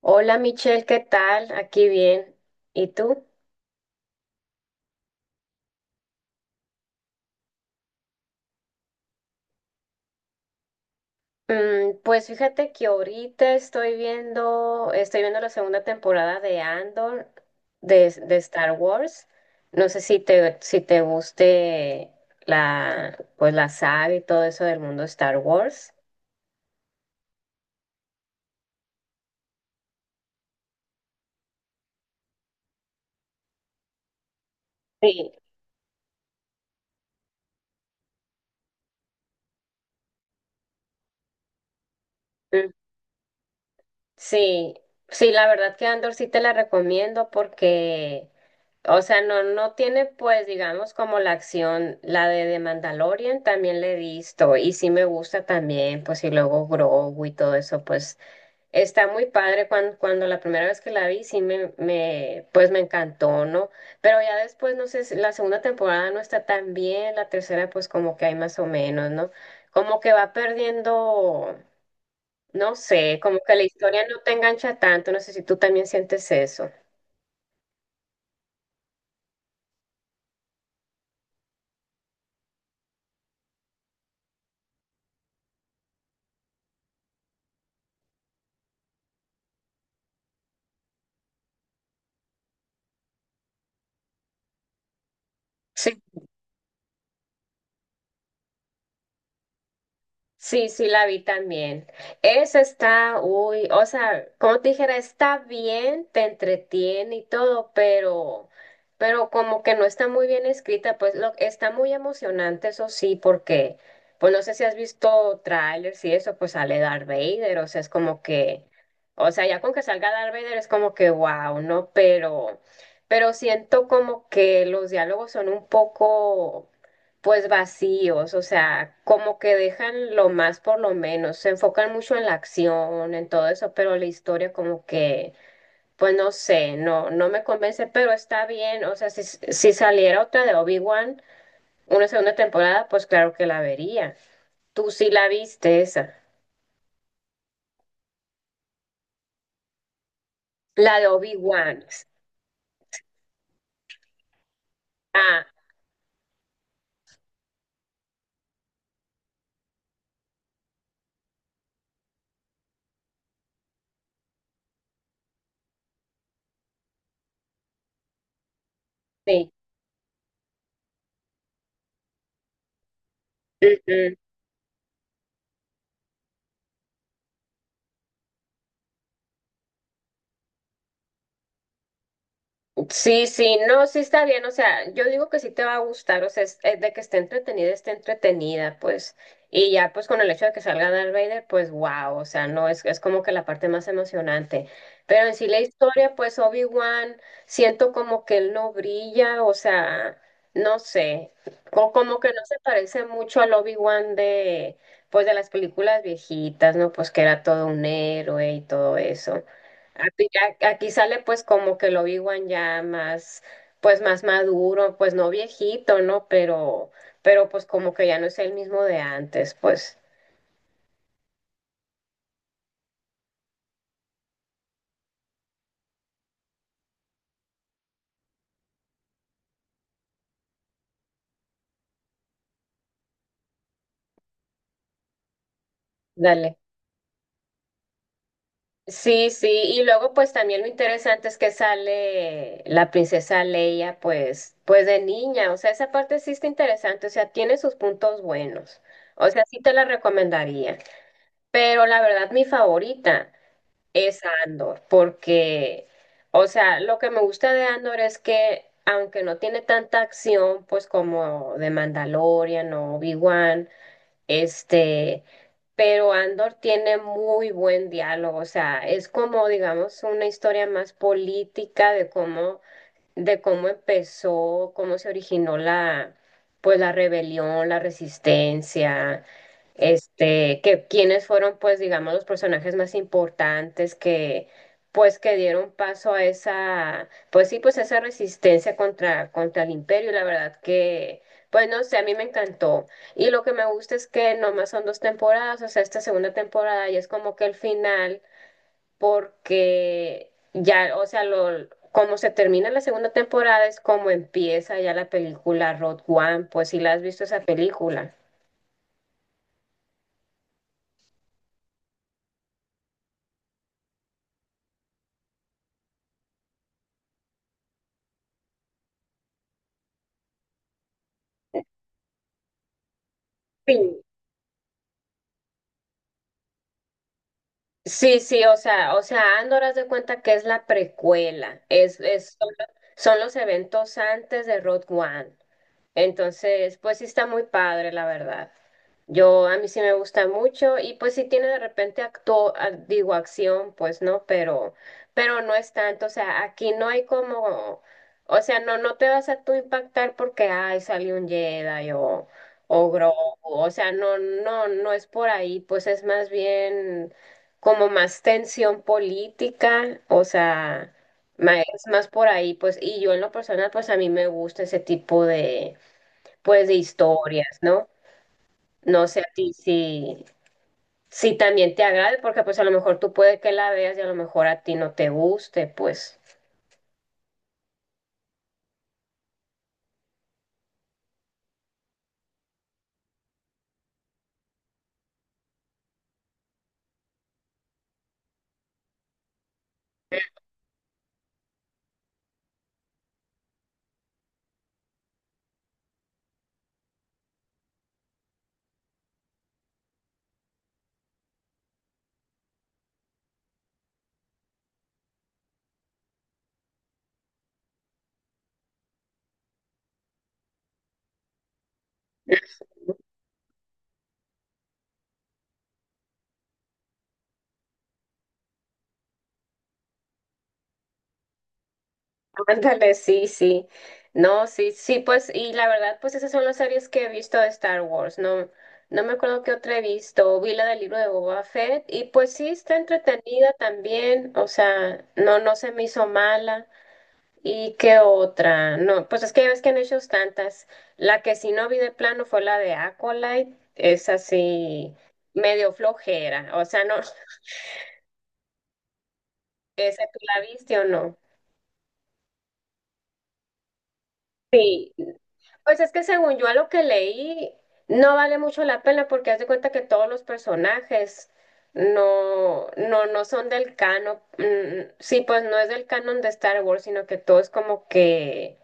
Hola Michelle, ¿qué tal? Aquí bien. ¿Y tú? Pues fíjate que ahorita estoy viendo la segunda temporada de Andor de Star Wars. No sé si te guste la, pues la saga y todo eso del mundo Star Wars. Sí. Mm, Sí, sí, la verdad que Andor sí te la recomiendo porque, o sea, no tiene, pues, digamos, como la acción, la de The Mandalorian también le he visto y sí me gusta también, pues, y luego Grogu y todo eso, pues, está muy padre cuando, cuando la primera vez que la vi, sí pues, me encantó, ¿no? Pero ya después, no sé, si la segunda temporada no está tan bien, la tercera, pues, como que hay más o menos, ¿no? Como que va perdiendo, no sé, como que la historia no te engancha tanto, no sé si tú también sientes eso. Sí, sí, la vi también. Esa está, uy, o sea, como te dijera, está bien, te entretiene y todo, pero como que no está muy bien escrita, pues lo, está muy emocionante, eso sí, porque, pues no sé si has visto trailers y eso, pues sale Darth Vader, o sea, es como que, o sea, ya con que salga Darth Vader es como que, wow, ¿no? Pero siento como que los diálogos son un poco pues vacíos, o sea, como que dejan lo más por lo menos, se enfocan mucho en la acción, en todo eso, pero la historia como que, pues no sé, no me convence, pero está bien, o sea, si saliera otra de Obi-Wan, una segunda temporada, pues claro que la vería. Tú sí la viste esa, la de Obi-Wan. Ah, sí. Sí, sí, no, sí está bien, o sea, yo digo que sí te va a gustar, o sea, es de que esté entretenida, pues, y ya pues con el hecho de que salga Darth Vader, pues wow, o sea, no, es como que la parte más emocionante, pero en sí la historia, pues Obi-Wan, siento como que él no brilla, o sea, no sé, o como que no se parece mucho al Obi-Wan de, pues, de las películas viejitas, ¿no? Pues que era todo un héroe y todo eso. Aquí sale pues como que el Obi-Wan ya más, pues más maduro, pues no viejito, ¿no? Pero pues como que ya no es el mismo de antes, pues. Dale. Sí, sí, y luego pues también lo interesante es que sale la princesa Leia pues pues de niña, o sea, esa parte sí está interesante, o sea, tiene sus puntos buenos, o sea, sí te la recomendaría, pero la verdad mi favorita es Andor, porque, o sea, lo que me gusta de Andor es que, aunque no tiene tanta acción, pues como de Mandalorian o Obi-Wan, este, pero Andor tiene muy buen diálogo, o sea, es como, digamos, una historia más política de cómo cómo se originó la, pues la rebelión, la resistencia, este, que quiénes fueron, pues, digamos, los personajes más importantes que, pues, que dieron paso a esa, pues sí, pues esa resistencia contra el imperio, y la verdad que, pues no sé, a mí me encantó. Y lo que me gusta es que nomás son dos temporadas, o sea, esta segunda temporada ya es como que el final porque ya, o sea, lo, como se termina la segunda temporada es como empieza ya la película Road One, pues si la has visto esa película. Sí. Sí, sí, o sea, Andor haz de cuenta que es la precuela, son los eventos antes de Road One. Entonces, pues sí está muy padre, la verdad. Yo, a mí sí me gusta mucho y pues sí tiene de repente digo, acción, pues no, pero no es tanto, o sea, aquí no hay como, o sea, no, te vas a tú impactar porque, ay, salió un Jedi o Grogu, o sea, no, no es por ahí, pues es más bien como más tensión política, o sea, es más por ahí, pues, y yo en lo personal, pues a mí me gusta ese tipo de pues de historias, ¿no? No sé a ti si, si también te agrade, porque pues a lo mejor tú puedes que la veas y a lo mejor a ti no te guste, pues. Ándale, sí, sí. No, sí, sí, pues, y la verdad, pues esas son las series que he visto de Star Wars, no, no me acuerdo qué otra he visto, vi la del libro de Boba Fett, y pues sí, está entretenida también, o sea, no, no se me hizo mala. ¿Y qué otra? No, pues es que ya ves que han hecho tantas. La que sí no vi de plano fue la de Acolyte. Es así, medio flojera. O sea, no. ¿Esa tú la viste o no? Sí. Pues es que según yo a lo que leí, no vale mucho la pena porque haz de cuenta que todos los personajes no son del canon. Mm, sí, pues no es del canon de Star Wars, sino que todo es como que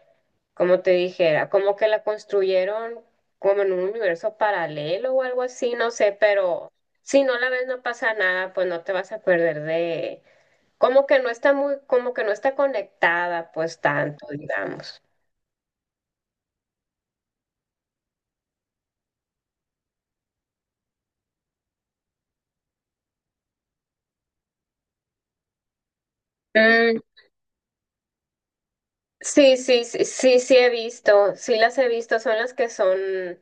como te dijera, como que la construyeron como en un universo paralelo o algo así, no sé, pero si no la ves no pasa nada, pues no te vas a perder de, como que no está muy, como que no está conectada, pues tanto, digamos. Mm, sí, sí he visto, sí las he visto, son las que son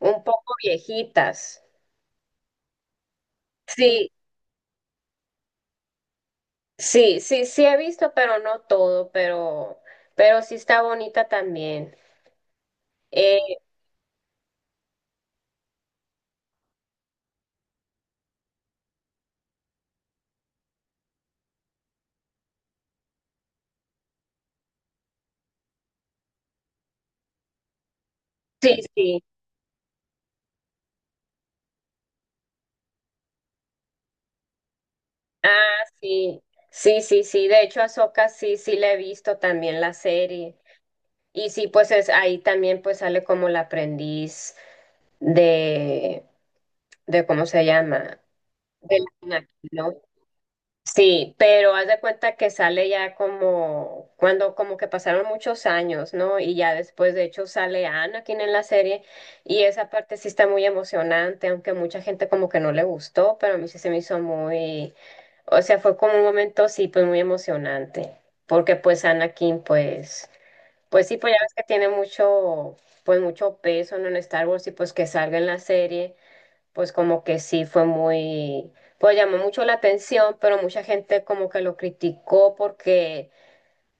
un poco viejitas. Sí, sí he visto, pero no todo, pero sí está bonita también. Eh, sí, sí. Ah, sí, sí. De hecho, Ahsoka sí, sí la he visto también la serie. Y sí, pues es ahí también pues sale como la aprendiz de, de ¿cómo se llama? De la Anakin, ¿no? Sí, pero haz de cuenta que sale ya como cuando como que pasaron muchos años, ¿no? Y ya después de hecho sale Anakin en la serie y esa parte sí está muy emocionante, aunque mucha gente como que no le gustó, pero a mí sí se me hizo muy, o sea, fue como un momento sí pues muy emocionante, porque pues Anakin pues pues sí pues ya ves que tiene mucho pues mucho peso, ¿no? En Star Wars y pues que salga en la serie pues como que sí fue muy, pues llamó mucho la atención, pero mucha gente como que lo criticó porque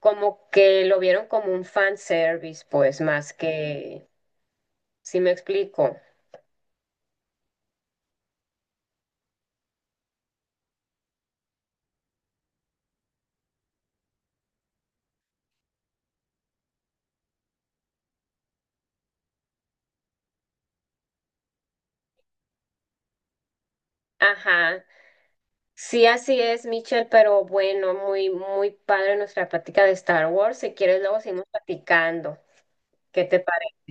como que lo vieron como un fan service, pues más que, si me explico. Ajá, sí, así es, Michelle, pero bueno, muy, muy padre nuestra plática de Star Wars. Si quieres, luego seguimos platicando. ¿Qué te parece?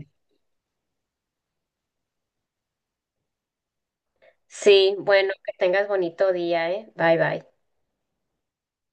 Sí, bueno, que tengas bonito día, ¿eh? Bye, bye.